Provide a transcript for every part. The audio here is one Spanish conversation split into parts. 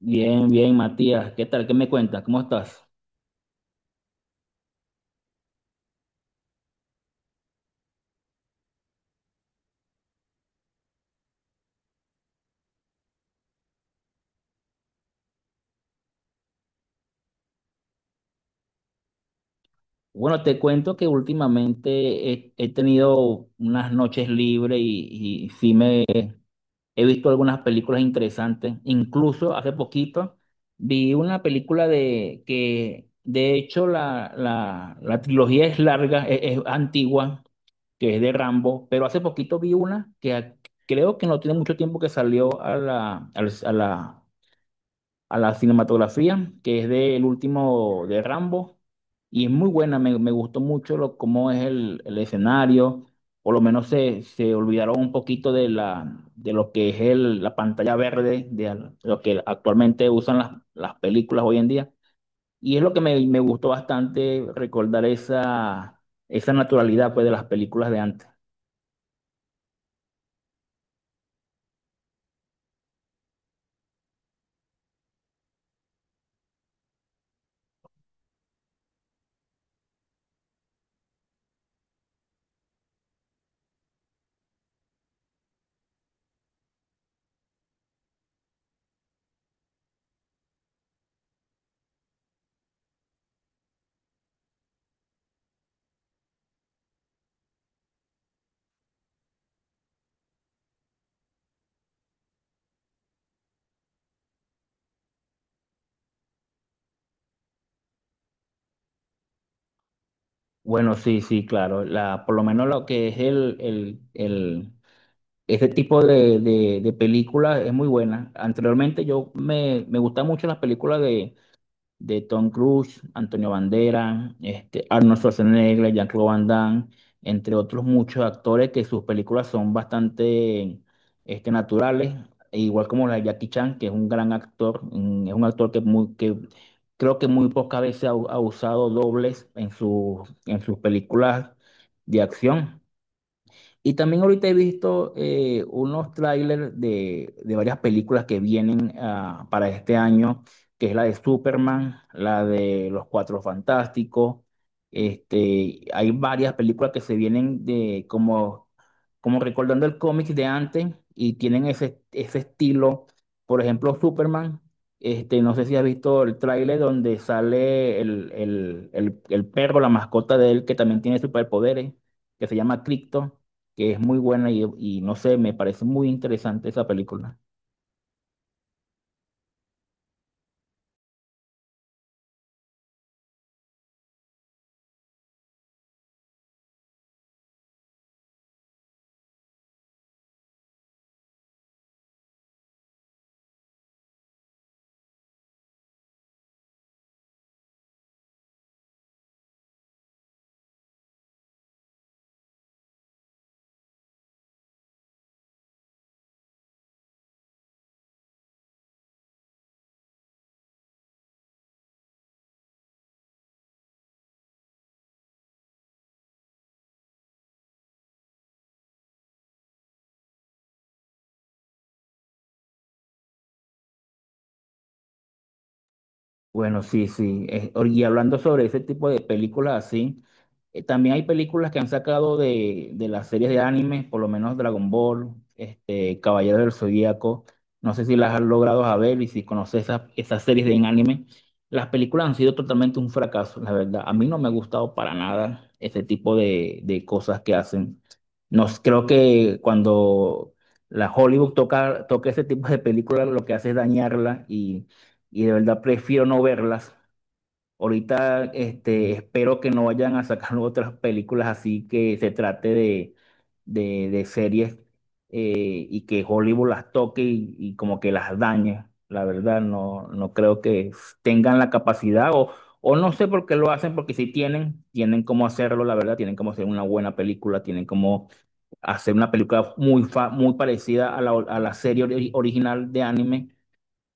Bien, bien, Matías. ¿Qué tal? ¿Qué me cuentas? ¿Cómo estás? Bueno, te cuento que últimamente he tenido unas noches libres y sí me he visto algunas películas interesantes. Incluso hace poquito vi una película de que, de hecho, la trilogía es larga, es antigua, que es de Rambo, pero hace poquito vi una creo que no tiene mucho tiempo que salió a la, al- a la cinematografía, que es del último de Rambo, y es muy buena, me gustó mucho cómo es el escenario, por lo menos se olvidaron un poquito de lo que es la pantalla verde, lo que actualmente usan las películas hoy en día, y es lo que me gustó bastante recordar esa naturalidad pues, de las películas de antes. Bueno, sí, sí, claro. La, por lo menos lo que es este tipo de películas es muy buena. Anteriormente yo me gustan mucho las películas de Tom Cruise, Antonio Banderas, Arnold Schwarzenegger, Jean-Claude Van Damme, entre otros muchos actores que sus películas son bastante naturales, e igual como la de Jackie Chan, que es un gran actor, es un actor que, muy, que creo que muy pocas veces ha usado dobles en sus películas de acción. Y también ahorita he visto unos trailers de varias películas que vienen para este año, que es la de Superman, la de Los Cuatro Fantásticos. Hay varias películas que se vienen como recordando el cómic de antes y tienen ese estilo. Por ejemplo, Superman. No sé si has visto el tráiler donde sale el perro, la mascota de él, que también tiene superpoderes, que se llama Krypto, que es muy buena y no sé, me parece muy interesante esa película. Bueno, sí, sí. Y hablando sobre ese tipo de películas así, también hay películas que han sacado de las series de anime, por lo menos Dragon Ball, Caballero del Zodíaco. No sé si las has logrado a ver y si conoces esas series de anime. Las películas han sido totalmente un fracaso, la verdad. A mí no me ha gustado para nada ese tipo de cosas que hacen. Nos, creo que cuando la Hollywood toca ese tipo de películas, lo que hace es dañarla, y de verdad prefiero no verlas. Ahorita espero que no vayan a sacar otras películas así que se trate de series, y que Hollywood las toque y como que las dañe. La verdad, no, no creo que tengan la capacidad o no sé por qué lo hacen, porque si tienen, tienen cómo hacerlo, la verdad, tienen cómo hacer una buena película, tienen cómo hacer una película muy parecida a a la serie original de anime,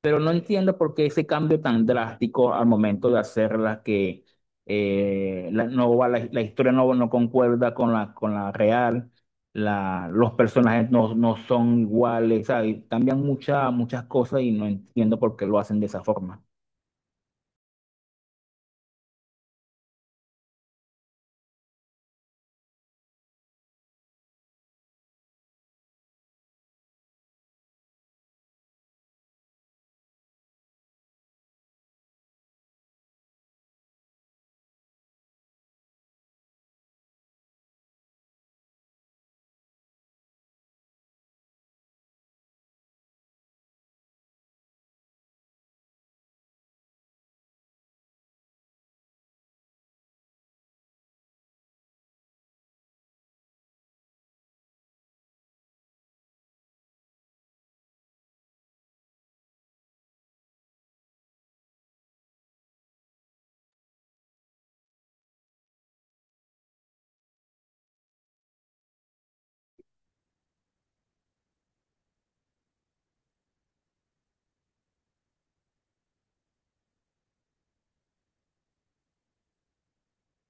pero no entiendo por qué ese cambio tan drástico al momento de hacerla que la historia no, no concuerda con con la real, la, los personajes no, no son iguales, ¿sabes? Cambian muchas cosas y no entiendo por qué lo hacen de esa forma.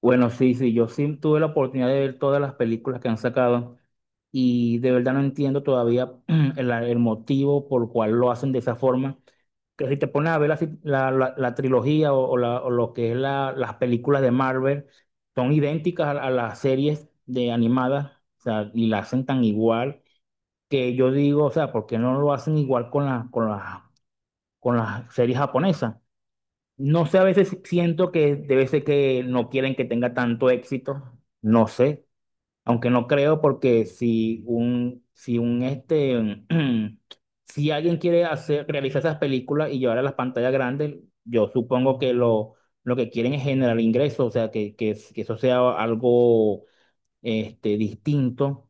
Bueno, sí, sí, yo sí tuve la oportunidad de ver todas las películas que han sacado y de verdad no entiendo todavía el motivo por el cual lo hacen de esa forma. Que si te pones a ver la, si, la- la- la trilogía o o lo que es las películas de Marvel, son idénticas a las series de animadas, o sea, y la hacen tan igual que yo digo, o sea, ¿por qué no lo hacen igual con con las series japonesas? No sé, a veces siento que debe ser que no quieren que tenga tanto éxito, no sé, aunque no creo porque si alguien quiere hacer, realizar esas películas y llevar a las pantallas grandes, yo supongo que lo que quieren es generar ingresos, o sea, que eso sea algo distinto,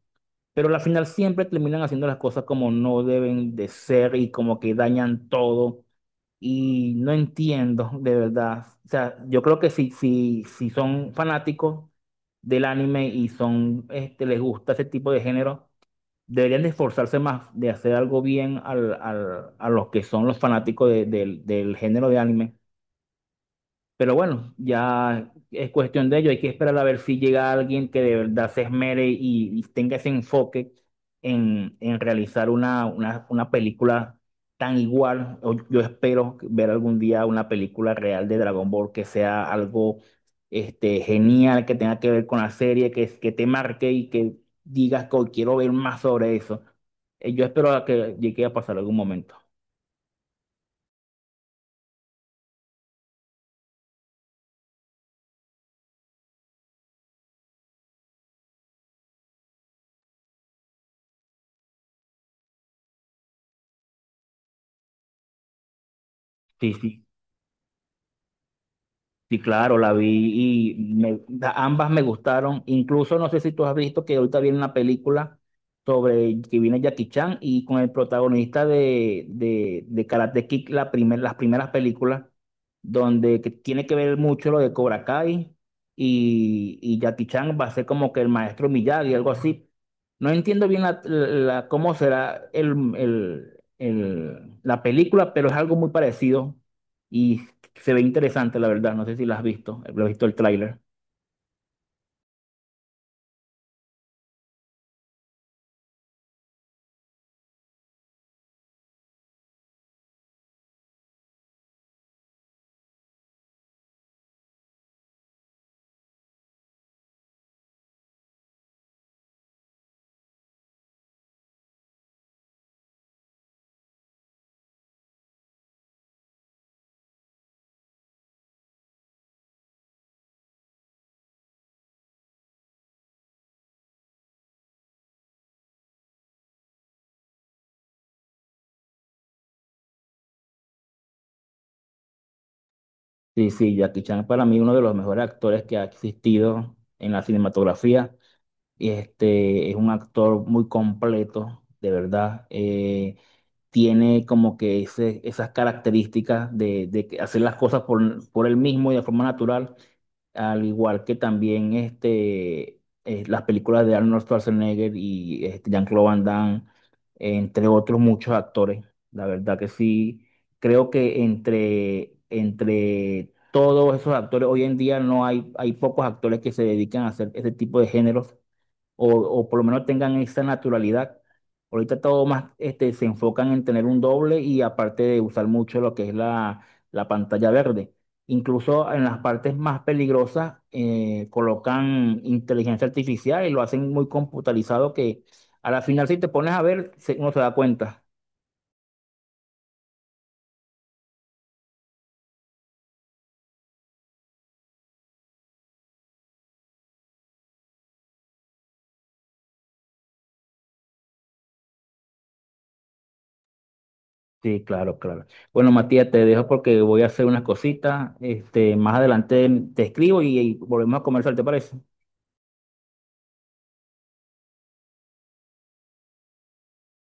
pero al final siempre terminan haciendo las cosas como no deben de ser y como que dañan todo y no entiendo, de verdad. O sea, yo creo que si, si, si son fanáticos del anime y son, este, les gusta ese tipo de género, deberían de esforzarse más de hacer algo bien a los que son los fanáticos del del género de anime, pero bueno, ya es cuestión de ello. Hay que esperar a ver si llega alguien que de verdad se esmere y tenga ese enfoque en realizar una película tan igual. O Yo espero ver algún día una película real de Dragon Ball que sea algo genial, que tenga que ver con la serie, que te marque y que digas que: "Oh, quiero ver más sobre eso". Yo espero a que llegue a pasar algún momento. Sí, sí. Sí, claro, la vi y ambas me gustaron. Incluso no sé si tú has visto que ahorita viene una película sobre que viene Jackie Chan y con el protagonista de Karate Kid, las primeras películas, donde que tiene que ver mucho lo de Cobra Kai y Jackie Chan va a ser como que el maestro Miyagi, algo así. No entiendo bien cómo será la película, pero es algo muy parecido. Y se ve interesante, la verdad. No sé si la has visto. Lo he visto el tráiler. Sí, sí, Jackie Chan es para mí uno de los mejores actores que ha existido en la cinematografía. Y este es un actor muy completo, de verdad. Tiene como que ese, esas características de que hacer las cosas por él mismo y de forma natural, al igual que también las películas de Arnold Schwarzenegger y Jean-Claude Van Damme, entre otros muchos actores. La verdad que sí, creo que entre todos esos actores, hoy en día no hay, hay pocos actores que se dedican a hacer ese tipo de géneros o por lo menos tengan esa naturalidad. Ahorita todo más se enfocan en tener un doble y aparte de usar mucho lo que es la pantalla verde. Incluso en las partes más peligrosas colocan inteligencia artificial y lo hacen muy computarizado que a la final si te pones a ver uno se da cuenta. Sí, claro, claro. Bueno, Matías, te dejo porque voy a hacer unas cositas. Más adelante te escribo y volvemos a conversar, ¿te parece?